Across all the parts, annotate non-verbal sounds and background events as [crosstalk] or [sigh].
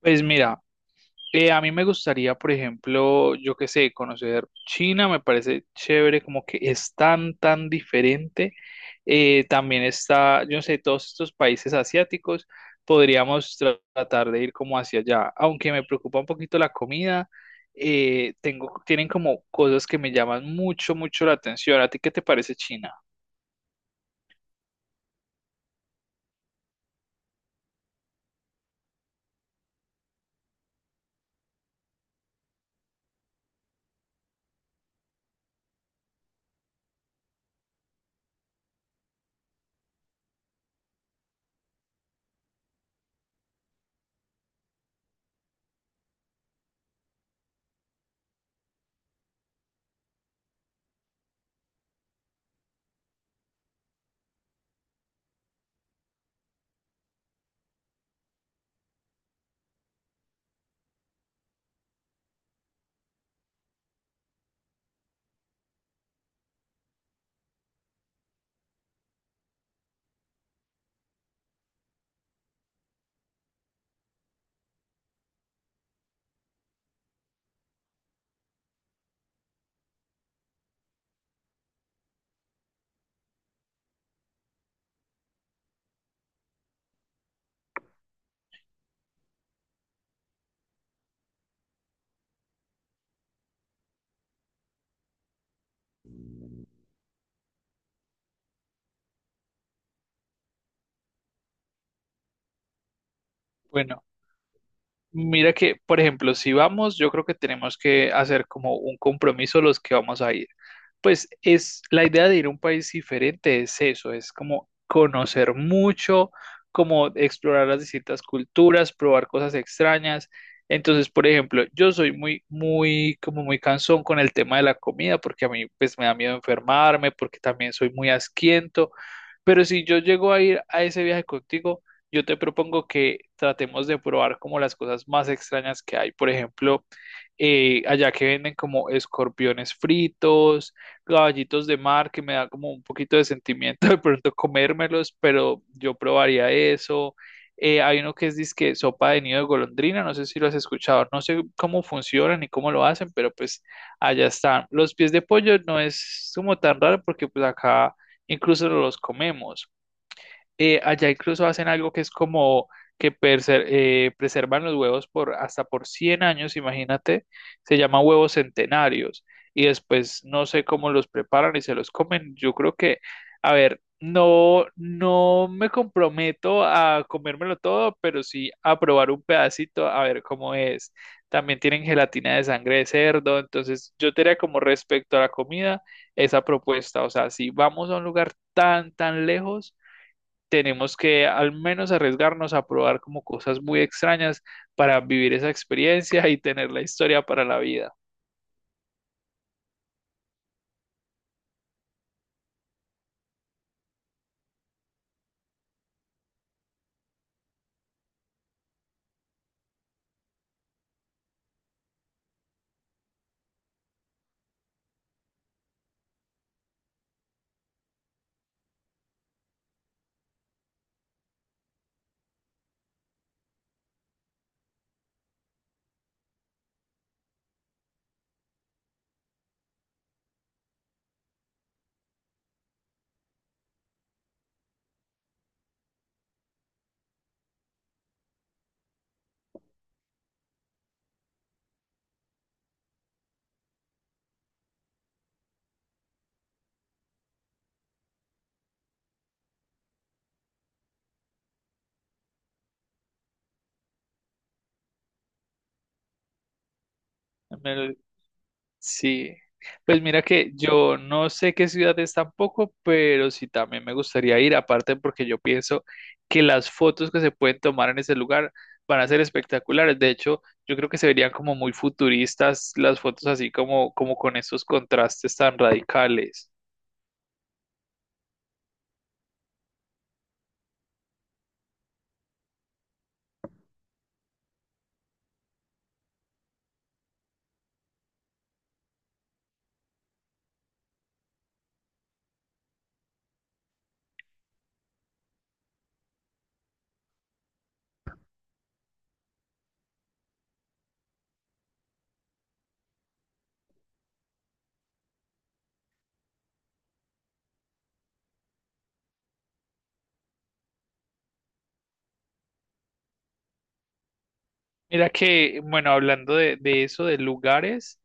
Pues mira, a mí me gustaría, por ejemplo, yo qué sé, conocer China, me parece chévere, como que es tan, tan diferente. También está, yo no sé, todos estos países asiáticos, podríamos tratar de ir como hacia allá, aunque me preocupa un poquito la comida, tengo, tienen como cosas que me llaman mucho, mucho la atención. ¿A ti qué te parece China? Bueno, mira que, por ejemplo, si vamos, yo creo que tenemos que hacer como un compromiso los que vamos a ir. Pues es la idea de ir a un país diferente, es eso, es como conocer mucho, como explorar las distintas culturas, probar cosas extrañas. Entonces, por ejemplo, yo soy muy, muy, como muy cansón con el tema de la comida, porque a mí pues me da miedo enfermarme, porque también soy muy asquiento. Pero si yo llego a ir a ese viaje contigo, yo te propongo que tratemos de probar como las cosas más extrañas que hay. Por ejemplo, allá que venden como escorpiones fritos, caballitos de mar que me da como un poquito de sentimiento de pronto comérmelos, pero yo probaría eso. Hay uno que es disque sopa de nido de golondrina, no sé si lo has escuchado, no sé cómo funcionan ni cómo lo hacen, pero pues allá están. Los pies de pollo no es como tan raro porque pues acá incluso los comemos. Allá incluso hacen algo que es como que preservan los huevos por hasta por 100 años, imagínate, se llama huevos centenarios y después no sé cómo los preparan y se los comen. Yo creo que, a ver, no, no me comprometo a comérmelo todo, pero sí a probar un pedacito, a ver cómo es. También tienen gelatina de sangre de cerdo, entonces yo te diría como respecto a la comida esa propuesta, o sea, si vamos a un lugar tan, tan lejos, tenemos que al menos arriesgarnos a probar como cosas muy extrañas para vivir esa experiencia y tener la historia para la vida. Me- Sí, pues mira que yo no sé qué ciudad es tampoco, pero sí también me gustaría ir, aparte porque yo pienso que las fotos que se pueden tomar en ese lugar van a ser espectaculares. De hecho, yo creo que se verían como muy futuristas las fotos así como, como con esos contrastes tan radicales. Mira que, bueno, hablando de eso, de lugares.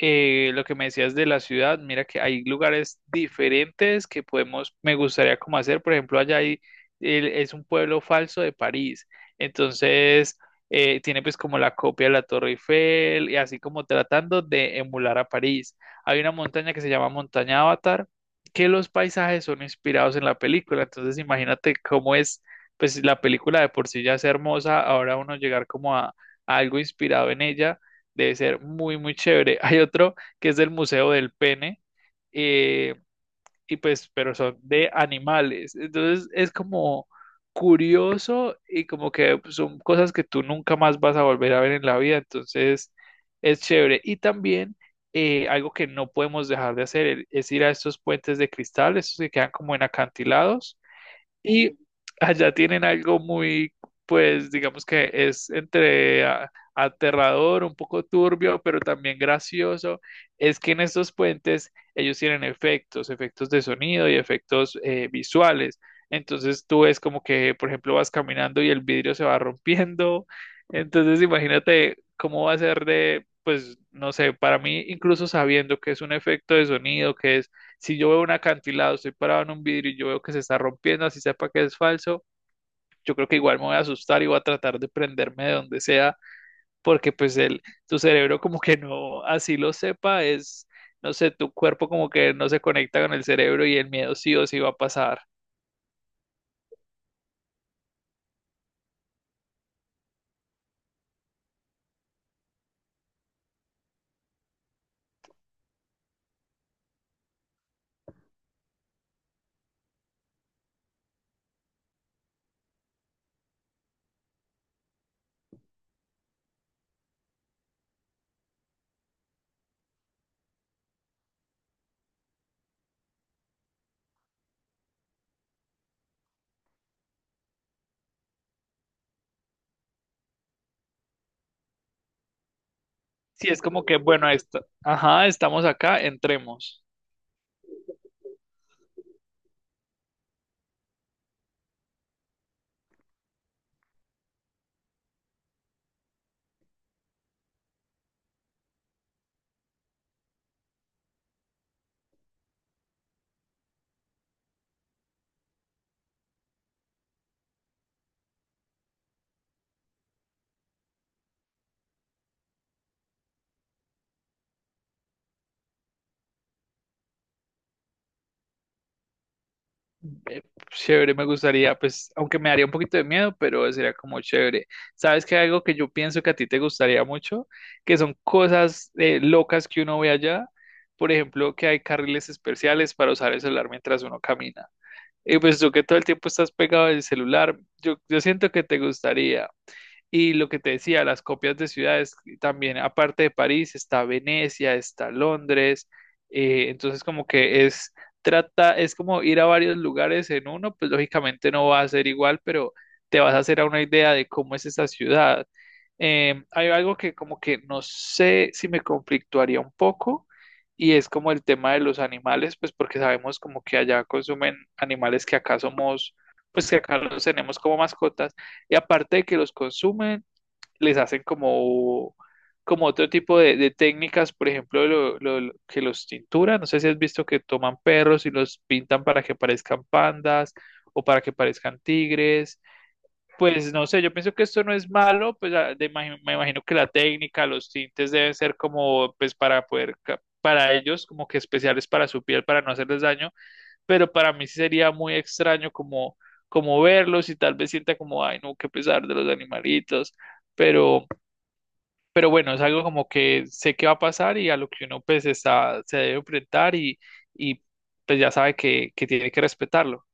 Lo que me decías de la ciudad, mira que hay lugares diferentes que podemos, me gustaría como hacer, por ejemplo, allá hay, es un pueblo falso de París, entonces tiene pues como la copia de la Torre Eiffel y así como tratando de emular a París. Hay una montaña que se llama Montaña Avatar, que los paisajes son inspirados en la película, entonces imagínate cómo es, pues la película de por sí ya es hermosa, ahora uno llegar como a algo inspirado en ella. Debe ser muy, muy chévere. Hay otro que es del Museo del Pene, eh, y pues, pero son de animales. Entonces es como curioso y como que pues, son cosas que tú nunca más vas a volver a ver en la vida. Entonces es chévere. Y también algo que no podemos dejar de hacer es ir a estos puentes de cristal, estos que quedan como en acantilados. Y allá tienen algo muy, pues digamos que es entre aterrador, un poco turbio, pero también gracioso, es que en estos puentes ellos tienen efectos, efectos de sonido y efectos visuales. Entonces tú ves como que, por ejemplo, vas caminando y el vidrio se va rompiendo. [laughs] Entonces imagínate cómo va a ser de, pues, no sé, para mí, incluso sabiendo que es un efecto de sonido, que es, si yo veo un acantilado, estoy parado en un vidrio y yo veo que se está rompiendo, así sepa que es falso, yo creo que igual me voy a asustar y voy a tratar de prenderme de donde sea, porque pues el, tu cerebro como que no, así lo sepa, es, no sé, tu cuerpo como que no se conecta con el cerebro y el miedo sí o sí va a pasar. Sí, es como que, bueno, esto, ajá, estamos acá, entremos. Eh, Chévere, me gustaría, pues, aunque me daría un poquito de miedo, pero sería como chévere. ¿Sabes que hay algo que yo pienso que a ti te gustaría mucho? Que son cosas locas que uno ve allá. Por ejemplo, que hay carriles especiales para usar el celular mientras uno camina. Y pues tú que todo el tiempo estás pegado al celular, yo siento que te gustaría. Y lo que te decía, las copias de ciudades también, aparte de París, está Venecia, está Londres, entonces como que es, trata, es como ir a varios lugares en uno, pues lógicamente no va a ser igual, pero te vas a hacer a una idea de cómo es esa ciudad. Hay algo que como que no sé si me conflictuaría un poco, y es como el tema de los animales, pues porque sabemos como que allá consumen animales que acá somos, pues que acá los tenemos como mascotas, y aparte de que los consumen, les hacen como, como otro tipo de técnicas, por ejemplo, que los tinturan. No sé si has visto que toman perros y los pintan para que parezcan pandas o para que parezcan tigres. Pues no sé, yo pienso que esto no es malo, pues ah, de me imagino que la técnica, los tintes deben ser como, pues para poder, para ellos como que especiales para su piel, para no hacerles daño, pero para mí sí sería muy extraño como, como verlos y tal vez sienta como, ay, no, qué pesar de los animalitos, pero, pero bueno, es algo como que sé que va a pasar y a lo que uno pues está, se debe enfrentar y pues ya sabe que tiene que respetarlo.